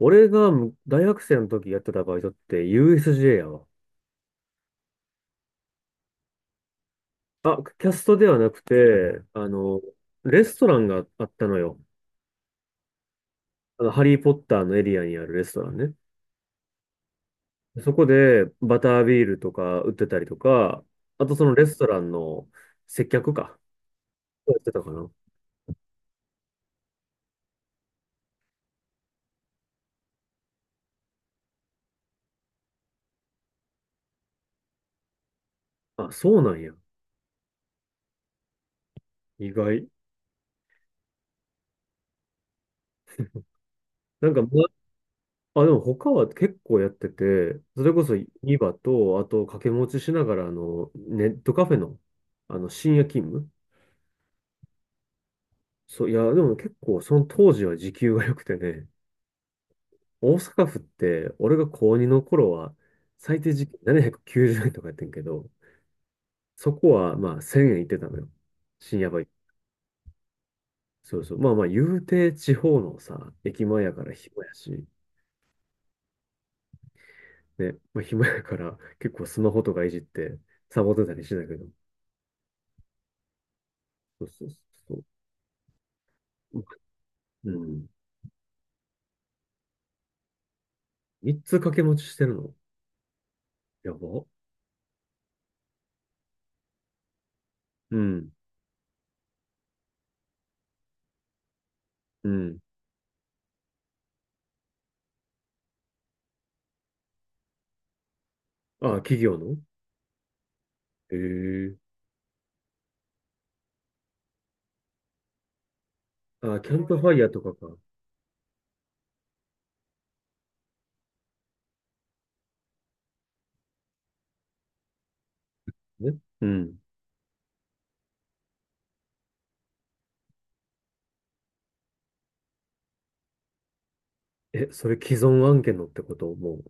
俺が大学生の時やってたバイトって USJ やわ。あ、キャストではなくて、レストランがあったのよ。ハリー・ポッターのエリアにあるレストランね。そこでバタービールとか売ってたりとか、あとそのレストランの接客か。やってたかな。あ、そうなんや。意外。なんか、まあ、でも他は結構やってて、それこそニバと、あと掛け持ちしながら、ネットカフェの、深夜勤務。そう、いや、でも結構その当時は時給が良くてね、大阪府って俺が高2の頃は最低時給790円とかやってんけど、そこはまあ1000円いってたのよ。深夜バイト。そうそう。まあまあ言うて地方のさ、駅前やから暇やし、ね、まあ暇やから結構スマホとかいじってサボってたりしてたけど、そうそうそうそう。うん。3つ掛け持ちしてるの？やば。うん。うん。あ、企業の。へえー。あ、キャンプファイヤーとかか。ね。うん。え、それ既存案件のってことも、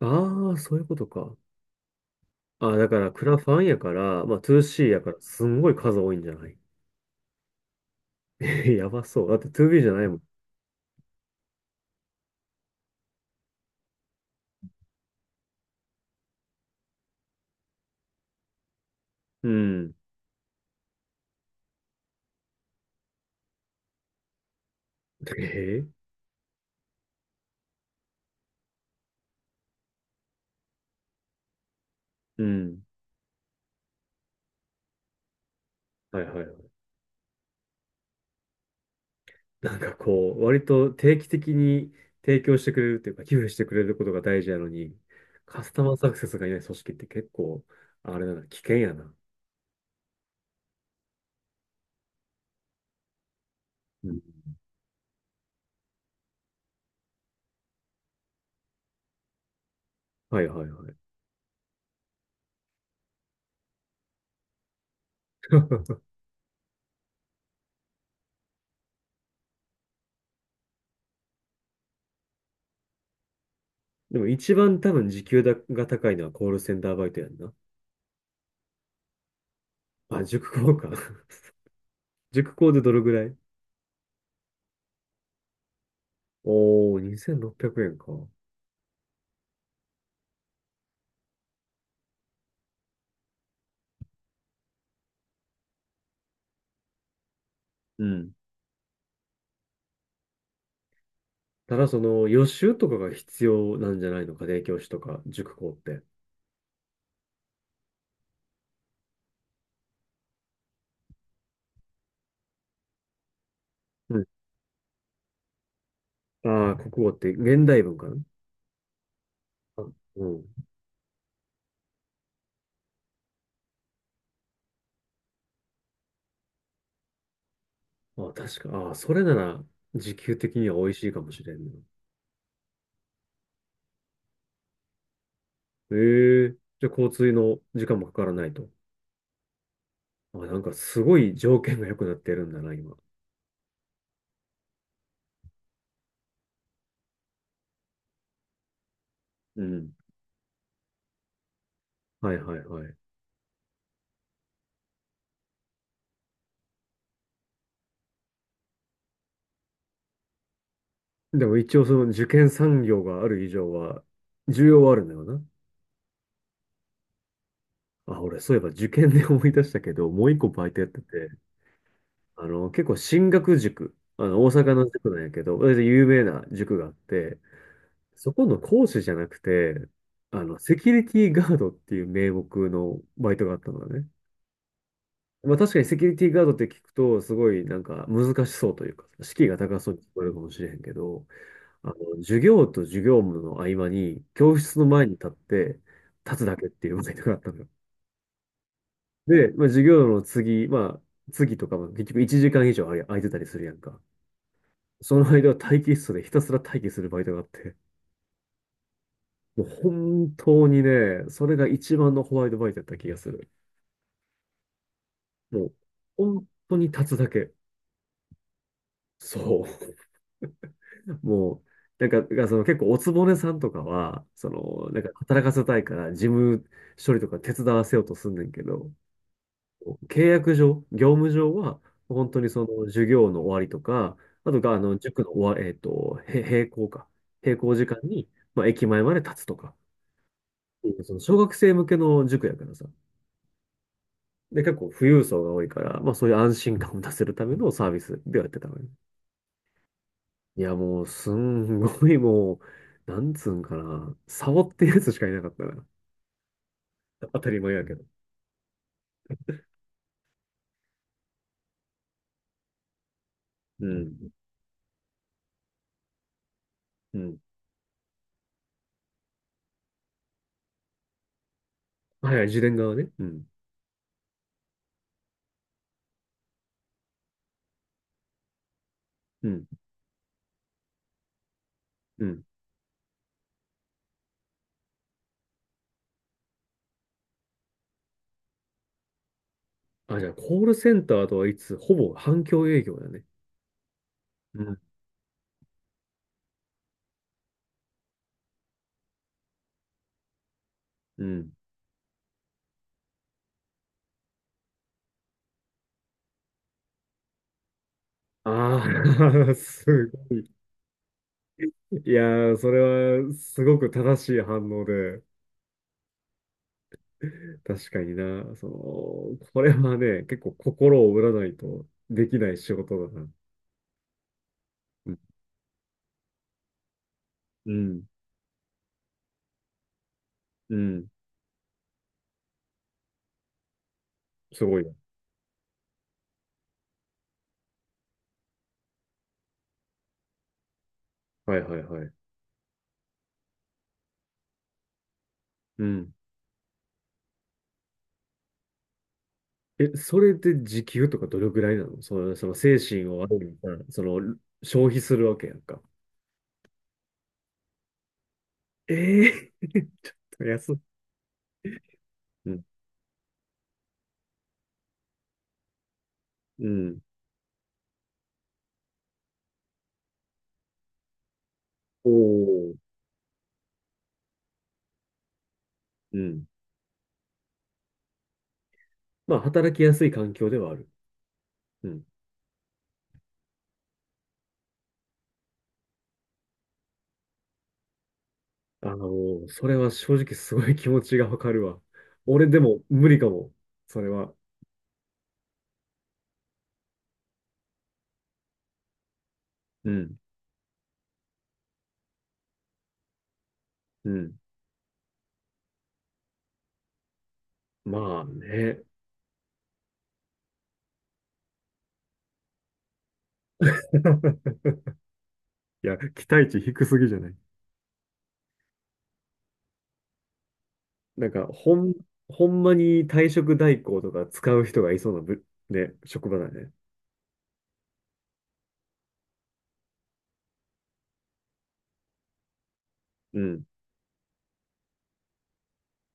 う。ああ、そういうことか。ああ、だからクラファンやから、まあ 2C やから、すんごい数多いんじゃない？ え、やばそう。だって 2B じゃないもん。うん。えー、うん。はいはいはい。なんかこう、割と定期的に提供してくれるっていうか、寄付してくれることが大事なのに、カスタマーサクセスがいない組織って結構、あれだな、危険やな。うん。はいはいはい。でも一番多分時給だが高いのはコールセンターバイトやんな。あ、塾講か。塾講でどれぐらい？おー、2600円か。うん。ただその予習とかが必要なんじゃないのか、家庭教師とか塾講って。うん。ああ、国語って現代文かな？あ、うん。あ、確か。ああ、それなら時給的には美味しいかもしれんな。ええ。じゃあ、交通の時間もかからないと。あ、なんかすごい条件が良くなってるんだな、今。うん。はいはいはい。でも一応その受験産業がある以上は、需要はあるんだよな。あ、俺、そういえば受験で思い出したけど、もう一個バイトやってて、結構進学塾、大阪の塾なんやけど、有名な塾があって、そこの講師じゃなくて、セキュリティガードっていう名目のバイトがあったのだね。まあ確かにセキュリティガードって聞くと、すごいなんか難しそうというか、敷居が高そうに聞こえるかもしれへんけど、授業と授業の合間に、教室の前に立って、立つだけっていうバイトがあったのよ。で、まあ、授業の次、まあ、次とかも結局1時間以上あれ空いてたりするやんか。その間は待機室でひたすら待機するバイトがあって、もう本当にね、それが一番のホワイトバイトだった気がする。もう、本当に立つだけ。そう。もう、なんか、その結構おつぼねさんとかは、その、なんか働かせたいから事務処理とか手伝わせようとすんねんけど、契約上、業務上は、本当にその授業の終わりとか、あとが、あの、塾の終わ、えっと、へ閉校か。閉校時間に、まあ、駅前まで立つとか。その小学生向けの塾やからさ。で、結構富裕層が多いから、まあそういう安心感を出せるためのサービスではやってたのね。いや、もう、すんごい、もう、なんつうんかな。サボってるやつしかいなかったな。当たり前やけど。うん。うん。はいはい、自伝側ね。うん。うん。うん。あ、じゃあ、コールセンターとはいつ、ほぼ反響営業だね。うん。うん。ああ、すごい。いやー、それは、すごく正しい反応で、確かにな、その、これはね、結構心を折らないとできない仕事だな。うん。うん。すごいな。はいはいはい。うん。え、それで時給とかどれぐらいなの？その、その精神をある意味、うん、その、消費するわけやんか。ええ。 ちょっと安い。うん。うん。おー。うん。まあ、働きやすい環境ではある。うん。それは正直すごい気持ちがわかるわ。俺でも無理かも。それは。うん。うん。まあね。いや、期待値低すぎじゃない？なんか、ほんまに退職代行とか使う人がいそうなね、職場だね。うん。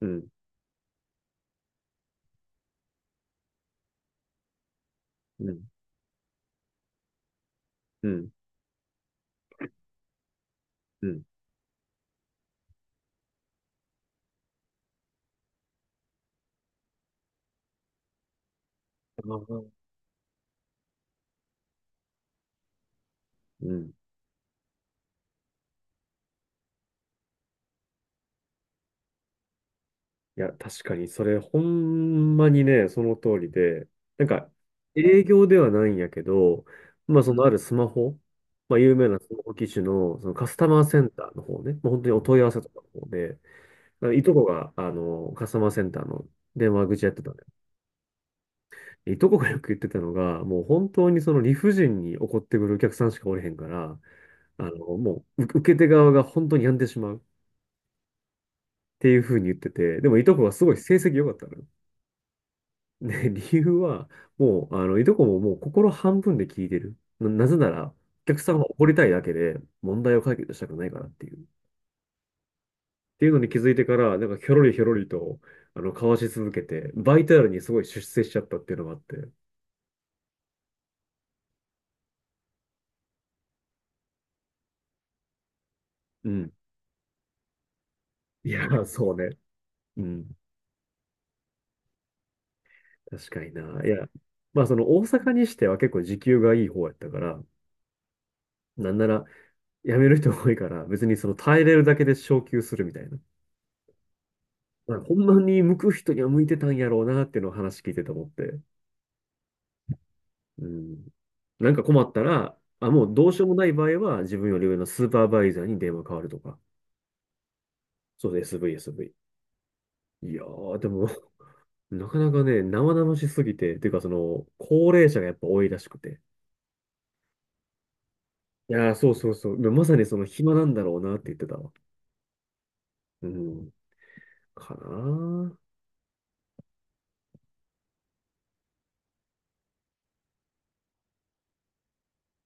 うん。うん。うん。うん。あー、うん。いや、確かに、それ、ほんまにね、その通りで、なんか、営業ではないんやけど、まあ、そのあるスマホ、まあ、有名なスマホ機種の、そのカスタマーセンターの方ね、もう本当にお問い合わせとかの方で、まあのいとこが、カスタマーセンターの電話口やってたんだよね。いとこがよく言ってたのが、もう本当にその理不尽に怒ってくるお客さんしかおれへんから、もう、受け手側が本当に病んでしまうっていうふうに言ってて、でもいとこはすごい成績良かったのよ。 で、理由は、もう、いとこももう心半分で聞いてる。なぜなら、お客さんが怒りたいだけで、問題を解決したくないからっていう。っていうのに気づいてから、なんか、ひょろりひょろりと、交わし続けて、バイタルにすごい出世しちゃったっていうのがあって。うん。いや、そうね。うん。確かにな。いや、まあ、その、大阪にしては結構時給がいい方やったから、なんなら、辞める人多いから、別にその、耐えれるだけで昇給するみたいな。まあ、ほんまに向く人には向いてたんやろうなっていうのを話聞いてて思って。うん。なんか困ったら、あ、もうどうしようもない場合は自分より上のスーパーバイザーに電話変わるとか。そうです、SV、SV。いやー、でも、なかなかね、生々しすぎて、っていうかその、高齢者がやっぱ多いらしくて。いやー、そうそうそう。まさにその暇なんだろうなって言ってたわ。うん。かなー